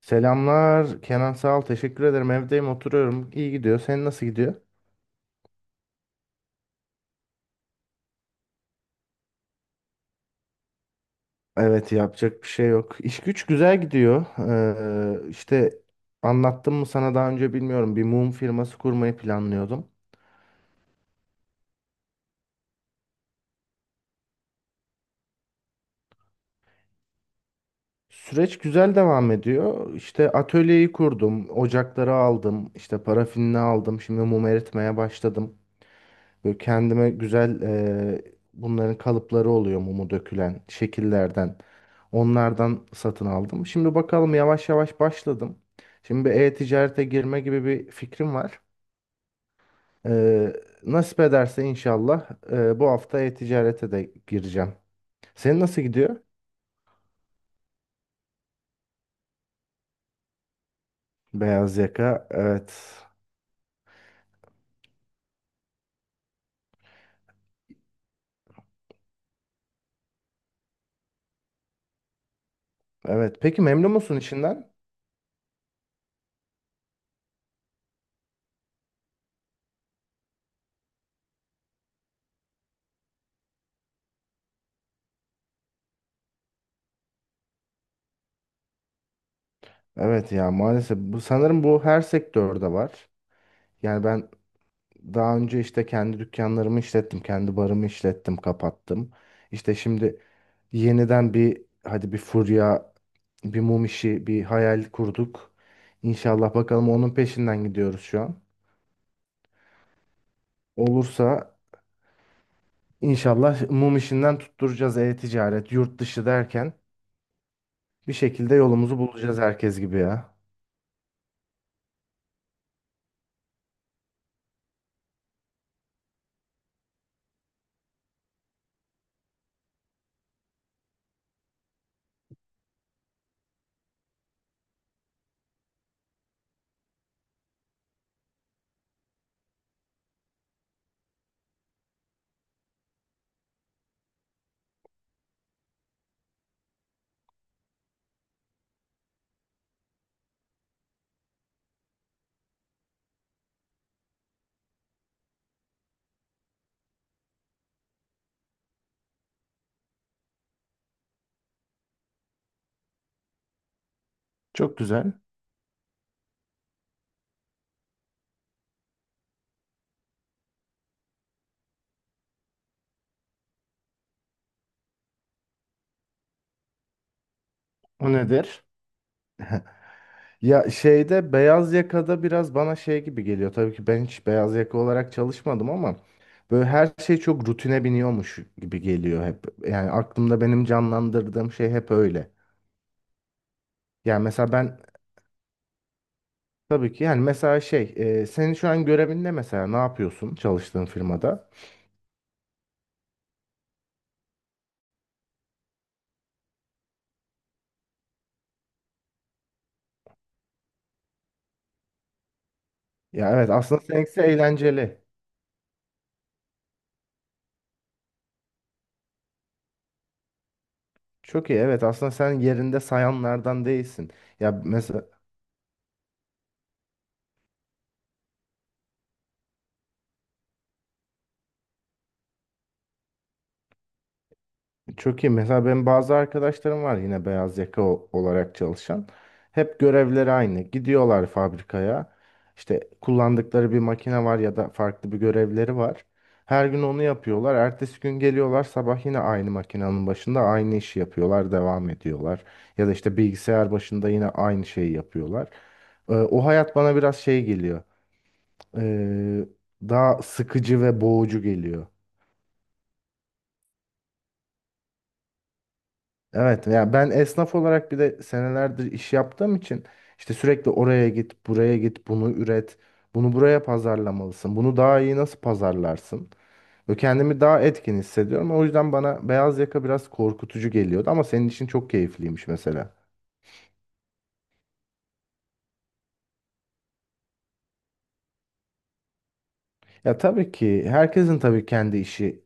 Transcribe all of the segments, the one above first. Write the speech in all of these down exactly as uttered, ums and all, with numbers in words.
Selamlar Kenan, sağ ol, teşekkür ederim. Evdeyim, oturuyorum, iyi gidiyor. Senin nasıl gidiyor? Evet, yapacak bir şey yok, iş güç güzel gidiyor. ee, işte anlattım mı sana daha önce bilmiyorum, bir mum firması kurmayı planlıyordum. Süreç güzel devam ediyor. İşte atölyeyi kurdum, ocakları aldım, işte parafinini aldım, şimdi mum eritmeye başladım. Böyle kendime güzel ee, bunların kalıpları oluyor, mumu dökülen şekillerden. Onlardan satın aldım. Şimdi bakalım, yavaş yavaş başladım. Şimdi bir e-ticarete girme gibi bir fikrim var. Ee, nasip ederse inşallah e, bu hafta e-ticarete de gireceğim. Senin nasıl gidiyor? Beyaz yaka. Evet. Evet. Peki memnun musun işinden? Evet ya, maalesef bu sanırım bu her sektörde var. Yani ben daha önce işte kendi dükkanlarımı işlettim, kendi barımı işlettim, kapattım. İşte şimdi yeniden bir hadi bir furya, bir mum işi, bir hayal kurduk. İnşallah bakalım, onun peşinden gidiyoruz şu an. Olursa inşallah mum işinden tutturacağız, e-ticaret, yurt dışı derken bir şekilde yolumuzu bulacağız herkes gibi ya. Çok güzel. O nedir? Ya şeyde, beyaz yakada biraz bana şey gibi geliyor. Tabii ki ben hiç beyaz yaka olarak çalışmadım ama böyle her şey çok rutine biniyormuş gibi geliyor hep. Yani aklımda benim canlandırdığım şey hep öyle. Yani mesela ben, tabii ki, yani mesela şey, e, senin şu an görevin ne mesela, ne yapıyorsun çalıştığın firmada? Ya evet, aslında seninkisi eğlenceli. Çok iyi, evet, aslında sen yerinde sayanlardan değilsin. Ya mesela çok iyi. Mesela benim bazı arkadaşlarım var yine beyaz yaka o- olarak çalışan. Hep görevleri aynı. Gidiyorlar fabrikaya. İşte kullandıkları bir makine var ya da farklı bir görevleri var. Her gün onu yapıyorlar. Ertesi gün geliyorlar sabah, yine aynı makinenin başında aynı işi yapıyorlar, devam ediyorlar. Ya da işte bilgisayar başında yine aynı şeyi yapıyorlar. Ee, o hayat bana biraz şey geliyor. Ee, daha sıkıcı ve boğucu geliyor. Evet ya, ben esnaf olarak bir de senelerdir iş yaptığım için işte sürekli oraya git, buraya git, bunu üret, bunu buraya pazarlamalısın. Bunu daha iyi nasıl pazarlarsın? Ve kendimi daha etkin hissediyorum. O yüzden bana beyaz yaka biraz korkutucu geliyordu ama senin için çok keyifliymiş mesela. Ya tabii ki herkesin tabii kendi işi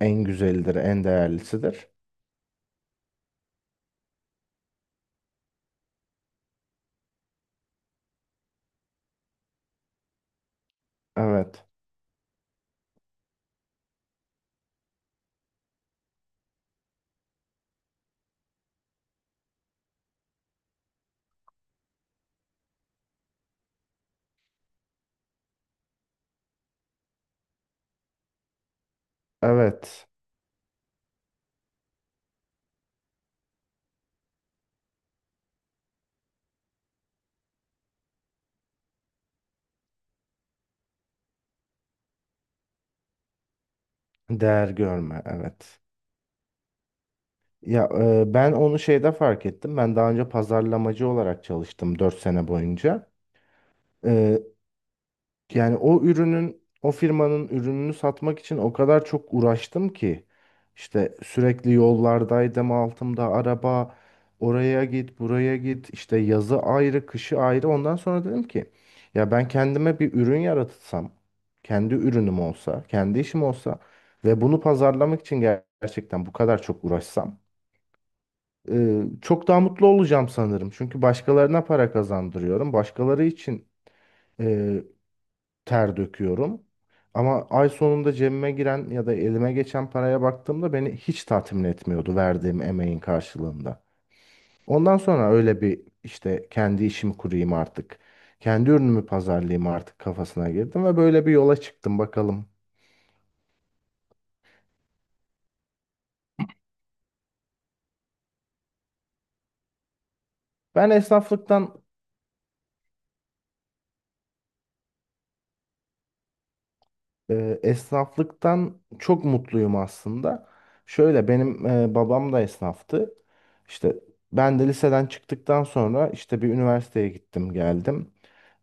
en güzelidir, en değerlisidir. Evet. Evet. Değer görme. Evet. Ya e, ben onu şeyde fark ettim. Ben daha önce pazarlamacı olarak çalıştım dört sene boyunca. E, yani o ürünün, o firmanın ürününü satmak için o kadar çok uğraştım ki. İşte sürekli yollardaydım, altımda araba, oraya git, buraya git, işte yazı ayrı, kışı ayrı. Ondan sonra dedim ki ya ben kendime bir ürün yaratsam, kendi ürünüm olsa, kendi işim olsa ve bunu pazarlamak için ger- gerçekten bu kadar çok uğraşsam. Ee, çok daha mutlu olacağım sanırım. Çünkü başkalarına para kazandırıyorum. Başkaları için e, ter döküyorum. Ama ay sonunda cebime giren ya da elime geçen paraya baktığımda beni hiç tatmin etmiyordu, verdiğim emeğin karşılığında. Ondan sonra öyle bir, işte kendi işimi kurayım artık. Kendi ürünümü pazarlayayım artık kafasına girdim ve böyle bir yola çıktım, bakalım. Ben esnaflıktan Ee, esnaflıktan çok mutluyum aslında. Şöyle benim e, babam da esnaftı. İşte ben de liseden çıktıktan sonra işte bir üniversiteye gittim geldim.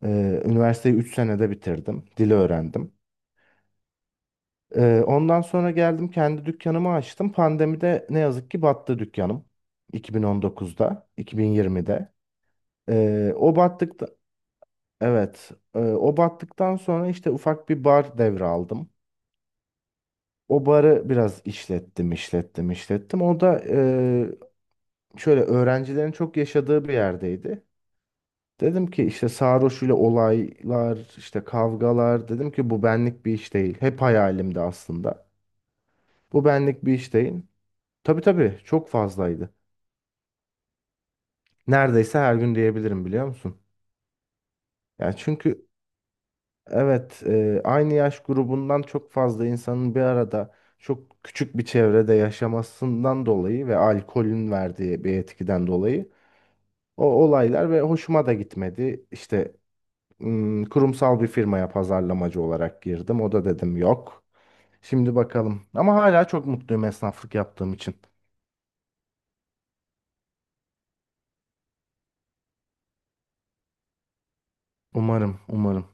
Ee, üniversiteyi üç senede bitirdim. Dili öğrendim. Ee, ondan sonra geldim, kendi dükkanımı açtım. Pandemide ne yazık ki battı dükkanım. iki bin on dokuzda, iki bin yirmide. Ee, o battıkta, evet, e, o battıktan sonra işte ufak bir bar devraldım. O barı biraz işlettim, işlettim, işlettim. O da eee, şöyle öğrencilerin çok yaşadığı bir yerdeydi. Dedim ki işte sarhoş ile olaylar, işte kavgalar. Dedim ki bu benlik bir iş değil. Hep hayalimdi aslında. Bu benlik bir iş değil. Tabii tabii, çok fazlaydı. Neredeyse her gün diyebilirim, biliyor musun? Yani çünkü evet, eee, aynı yaş grubundan çok fazla insanın bir arada çok küçük bir çevrede yaşamasından dolayı ve alkolün verdiği bir etkiden dolayı o olaylar ve hoşuma da gitmedi. İşte ım, kurumsal bir firmaya pazarlamacı olarak girdim. O da dedim yok. Şimdi bakalım. Ama hala çok mutluyum esnaflık yaptığım için. Umarım, umarım.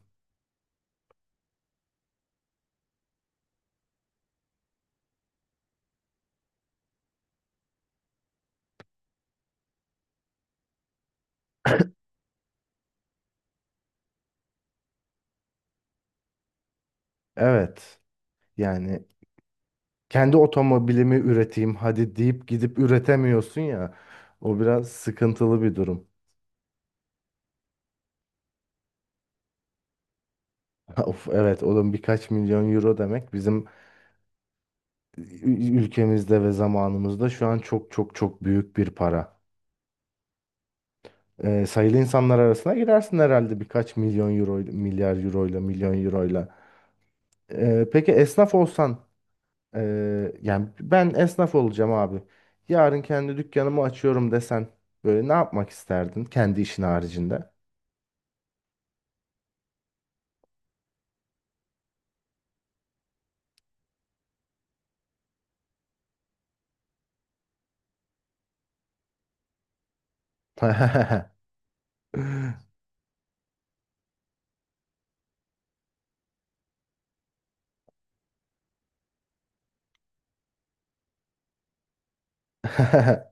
Evet. Yani kendi otomobilimi üreteyim hadi deyip gidip üretemiyorsun ya. O biraz sıkıntılı bir durum. Of evet oğlum, birkaç milyon euro demek bizim ü- ülkemizde ve zamanımızda şu an çok çok çok büyük bir para. e, sayılı insanlar arasına girersin herhalde birkaç milyon euro, milyar euroyla, milyon euroyla. E, peki esnaf olsan, e, yani ben esnaf olacağım abi. Yarın kendi dükkanımı açıyorum desen, böyle ne yapmak isterdin kendi işin haricinde?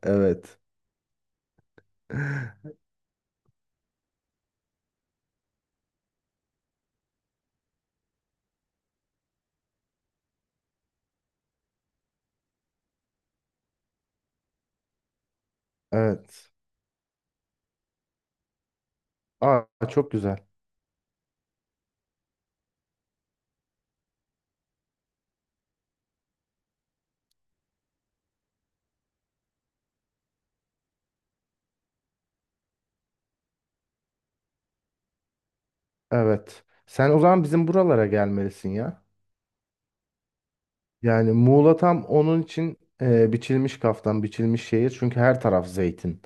Evet. Evet. Aa çok güzel. Evet. Sen o zaman bizim buralara gelmelisin ya. Yani Muğla tam onun için e, biçilmiş kaftan, biçilmiş şehir. Çünkü her taraf zeytin.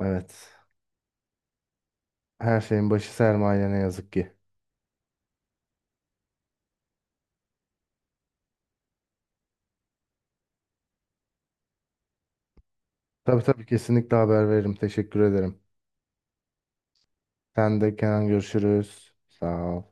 Evet. Her şeyin başı sermaye, ne yazık ki. Tabii tabii, kesinlikle haber veririm. Teşekkür ederim. Sen de Kenan, görüşürüz. Sağ ol.